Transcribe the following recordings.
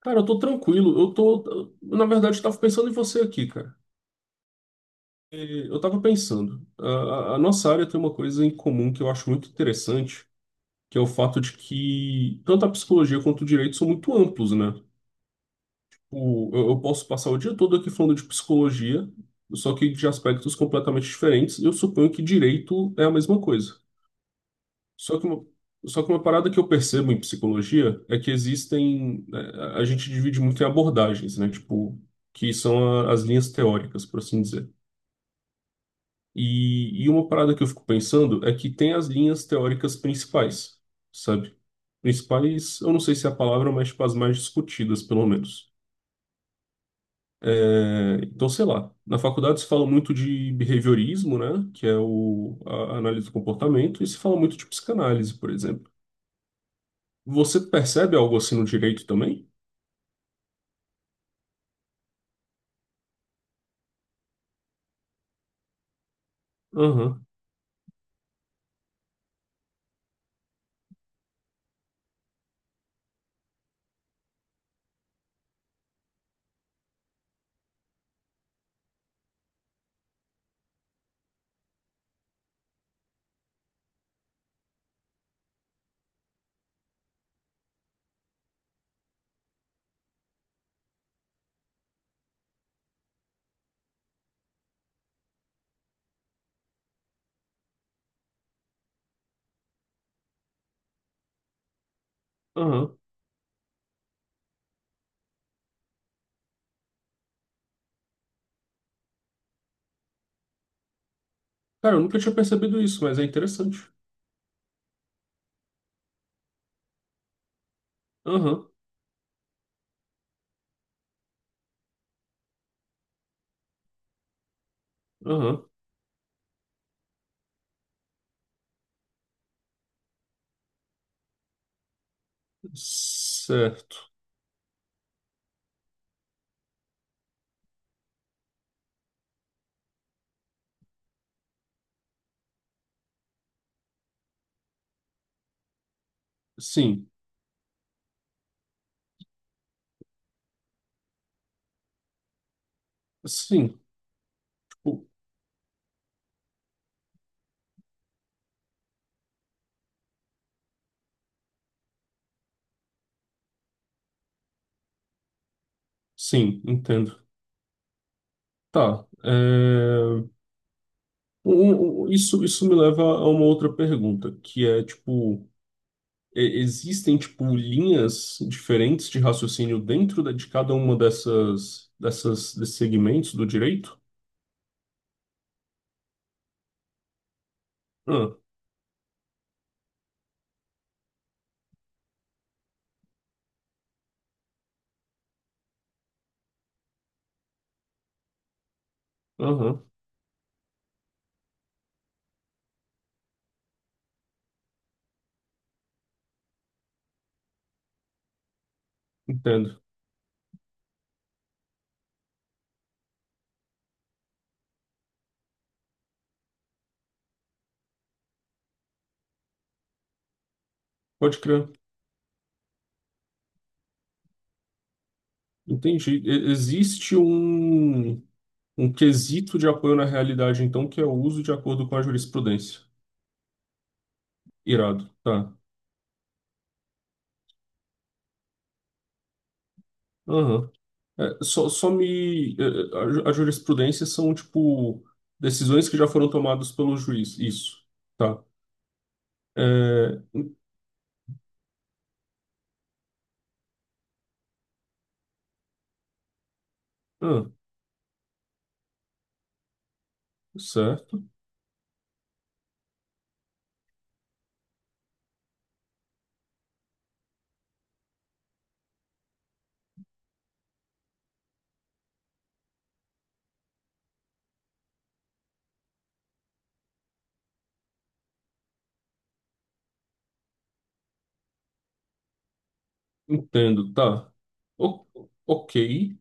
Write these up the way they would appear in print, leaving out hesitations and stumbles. Cara, eu tô tranquilo. Eu tô. Na verdade, eu tava pensando em você aqui, cara. Eu tava pensando. A nossa área tem uma coisa em comum que eu acho muito interessante, que é o fato de que tanto a psicologia quanto o direito são muito amplos, né? Eu posso passar o dia todo aqui falando de psicologia, só que de aspectos completamente diferentes, e eu suponho que direito é a mesma coisa. Só que uma, só que uma parada que eu percebo em psicologia é que A gente divide muito em abordagens, né? Tipo, que são as linhas teóricas, por assim dizer. E uma parada que eu fico pensando é que tem as linhas teóricas principais, sabe? Principais, eu não sei se é a palavra, mas tipo, as mais discutidas, pelo menos. Então, sei lá. Na faculdade se fala muito de behaviorismo, né? Que é o, a análise do comportamento, e se fala muito de psicanálise, por exemplo. Você percebe algo assim no direito também? Aham, aham. Cara, eu nunca tinha percebido isso, mas é interessante. Aham, aham. Certo. Sim, sim, tipo, sim, entendo. Tá. Isso, isso me leva a uma outra pergunta, que é, tipo, existem, tipo, linhas diferentes de raciocínio dentro de cada uma dessas desses segmentos do direito? Ah, aham, entendo. Pode crer. Entendi. Existe um quesito de apoio na realidade, então, que é o uso de acordo com a jurisprudência. Irado, tá. Aham. É, só, só me. É, A, ju- a jurisprudência são, tipo, decisões que já foram tomadas pelo juiz. Isso, tá. É, ah, certo. Entendo, tá. O- ok.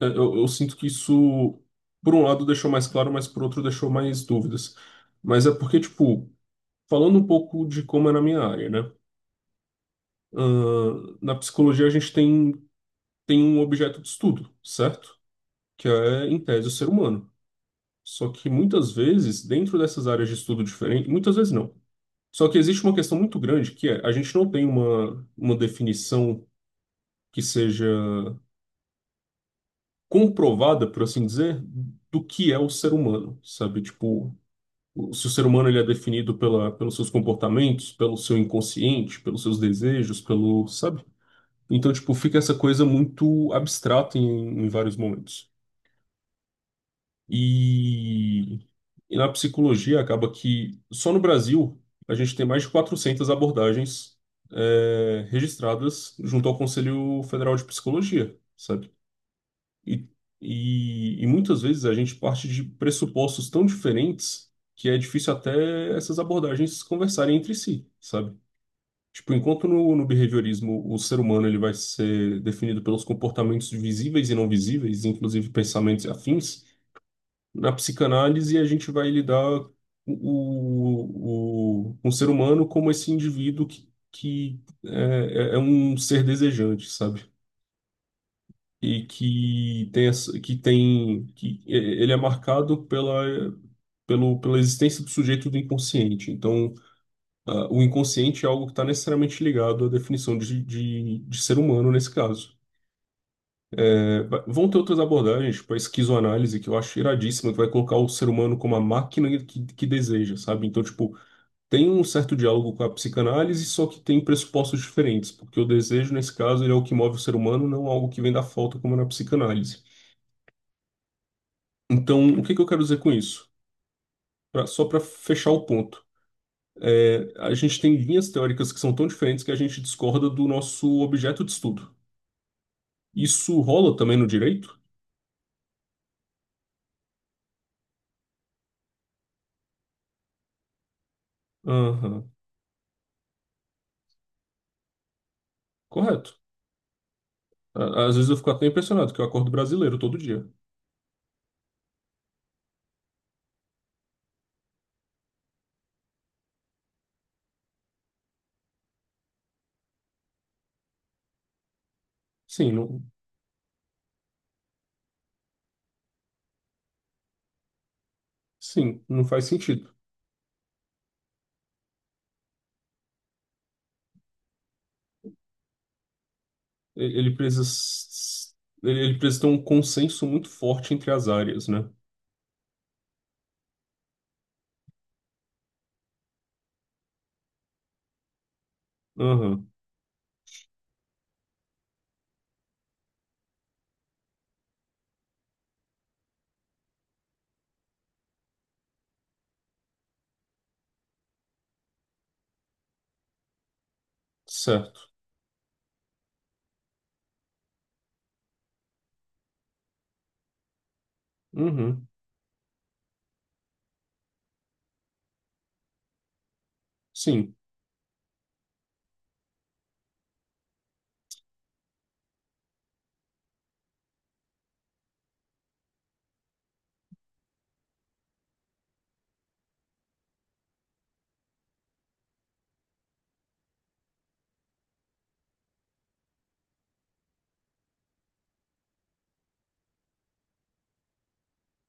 Eu sinto que isso, por um lado, deixou mais claro, mas por outro, deixou mais dúvidas. Mas é porque, tipo, falando um pouco de como é na minha área, né? Ah, na psicologia a gente tem um objeto de estudo, certo? Que é, em tese, o ser humano. Só que muitas vezes, dentro dessas áreas de estudo diferentes, muitas vezes não. Só que existe uma questão muito grande que é, a gente não tem uma definição que seja comprovada, por assim dizer, do que é o ser humano, sabe? Tipo, se o ser humano ele é definido pela, pelos seus comportamentos, pelo seu inconsciente, pelos seus desejos, pelo, sabe? Então, tipo, fica essa coisa muito abstrata em, em vários momentos. E, e na psicologia acaba que só no Brasil a gente tem mais de 400 abordagens registradas junto ao Conselho Federal de Psicologia, sabe? E, e muitas vezes a gente parte de pressupostos tão diferentes que é difícil até essas abordagens conversarem entre si, sabe? Tipo, enquanto no behaviorismo o ser humano ele vai ser definido pelos comportamentos visíveis e não visíveis, inclusive pensamentos e afins, na psicanálise a gente vai lidar um ser humano como esse indivíduo que é um ser desejante, sabe? E que tem, ele é marcado pela existência do sujeito do inconsciente. Então, o inconsciente é algo que está necessariamente ligado à definição de ser humano nesse caso. Vão ter outras abordagens, tipo a esquizoanálise, que eu acho iradíssima, que vai colocar o ser humano como a máquina que deseja, sabe? Então, tipo, tem um certo diálogo com a psicanálise, só que tem pressupostos diferentes, porque o desejo, nesse caso, ele é o que move o ser humano, não algo que vem da falta, como na psicanálise. Então, o que que eu quero dizer com isso? Só para fechar o ponto. É, a gente tem linhas teóricas que são tão diferentes que a gente discorda do nosso objeto de estudo. Isso rola também no direito? Aham, correto. Às vezes eu fico até impressionado que eu acordo brasileiro todo dia. Sim, não, sim, não faz sentido. Ele precisa, ele ele precisa ter um consenso muito forte entre as áreas, né? Aham, certo. Uhum, sim,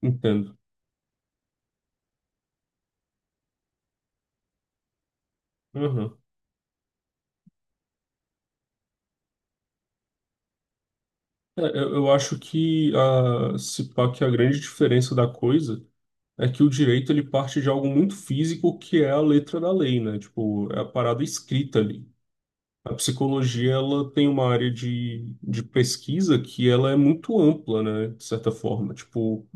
entendo. Aham. Eu acho que a, se pá, que a grande diferença da coisa é que o direito ele parte de algo muito físico que é a letra da lei, né? Tipo, é a parada escrita ali. A psicologia ela tem uma área de pesquisa que ela é muito ampla, né, de certa forma. Tipo,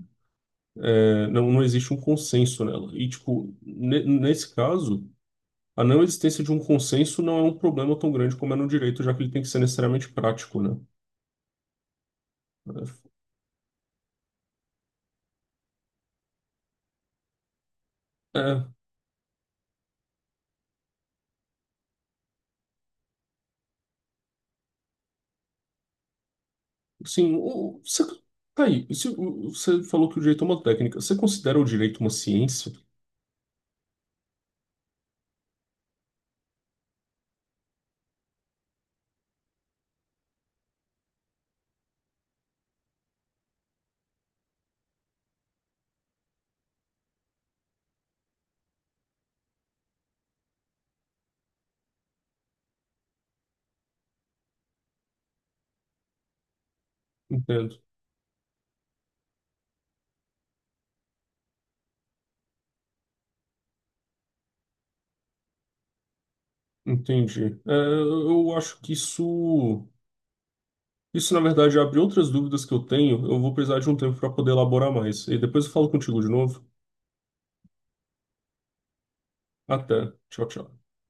é, não, não existe um consenso nela. E, tipo, nesse caso, a não existência de um consenso não é um problema tão grande como é no direito, já que ele tem que ser necessariamente prático, né? É, é, assim, o- você, tá aí, se, o- você falou que o direito é uma técnica. Você considera o direito uma ciência? Entendo. Entendi. É, eu acho que isso. Isso, na verdade, abre outras dúvidas que eu tenho. Eu vou precisar de um tempo para poder elaborar mais. E depois eu falo contigo de novo. Até. Tchau, tchau.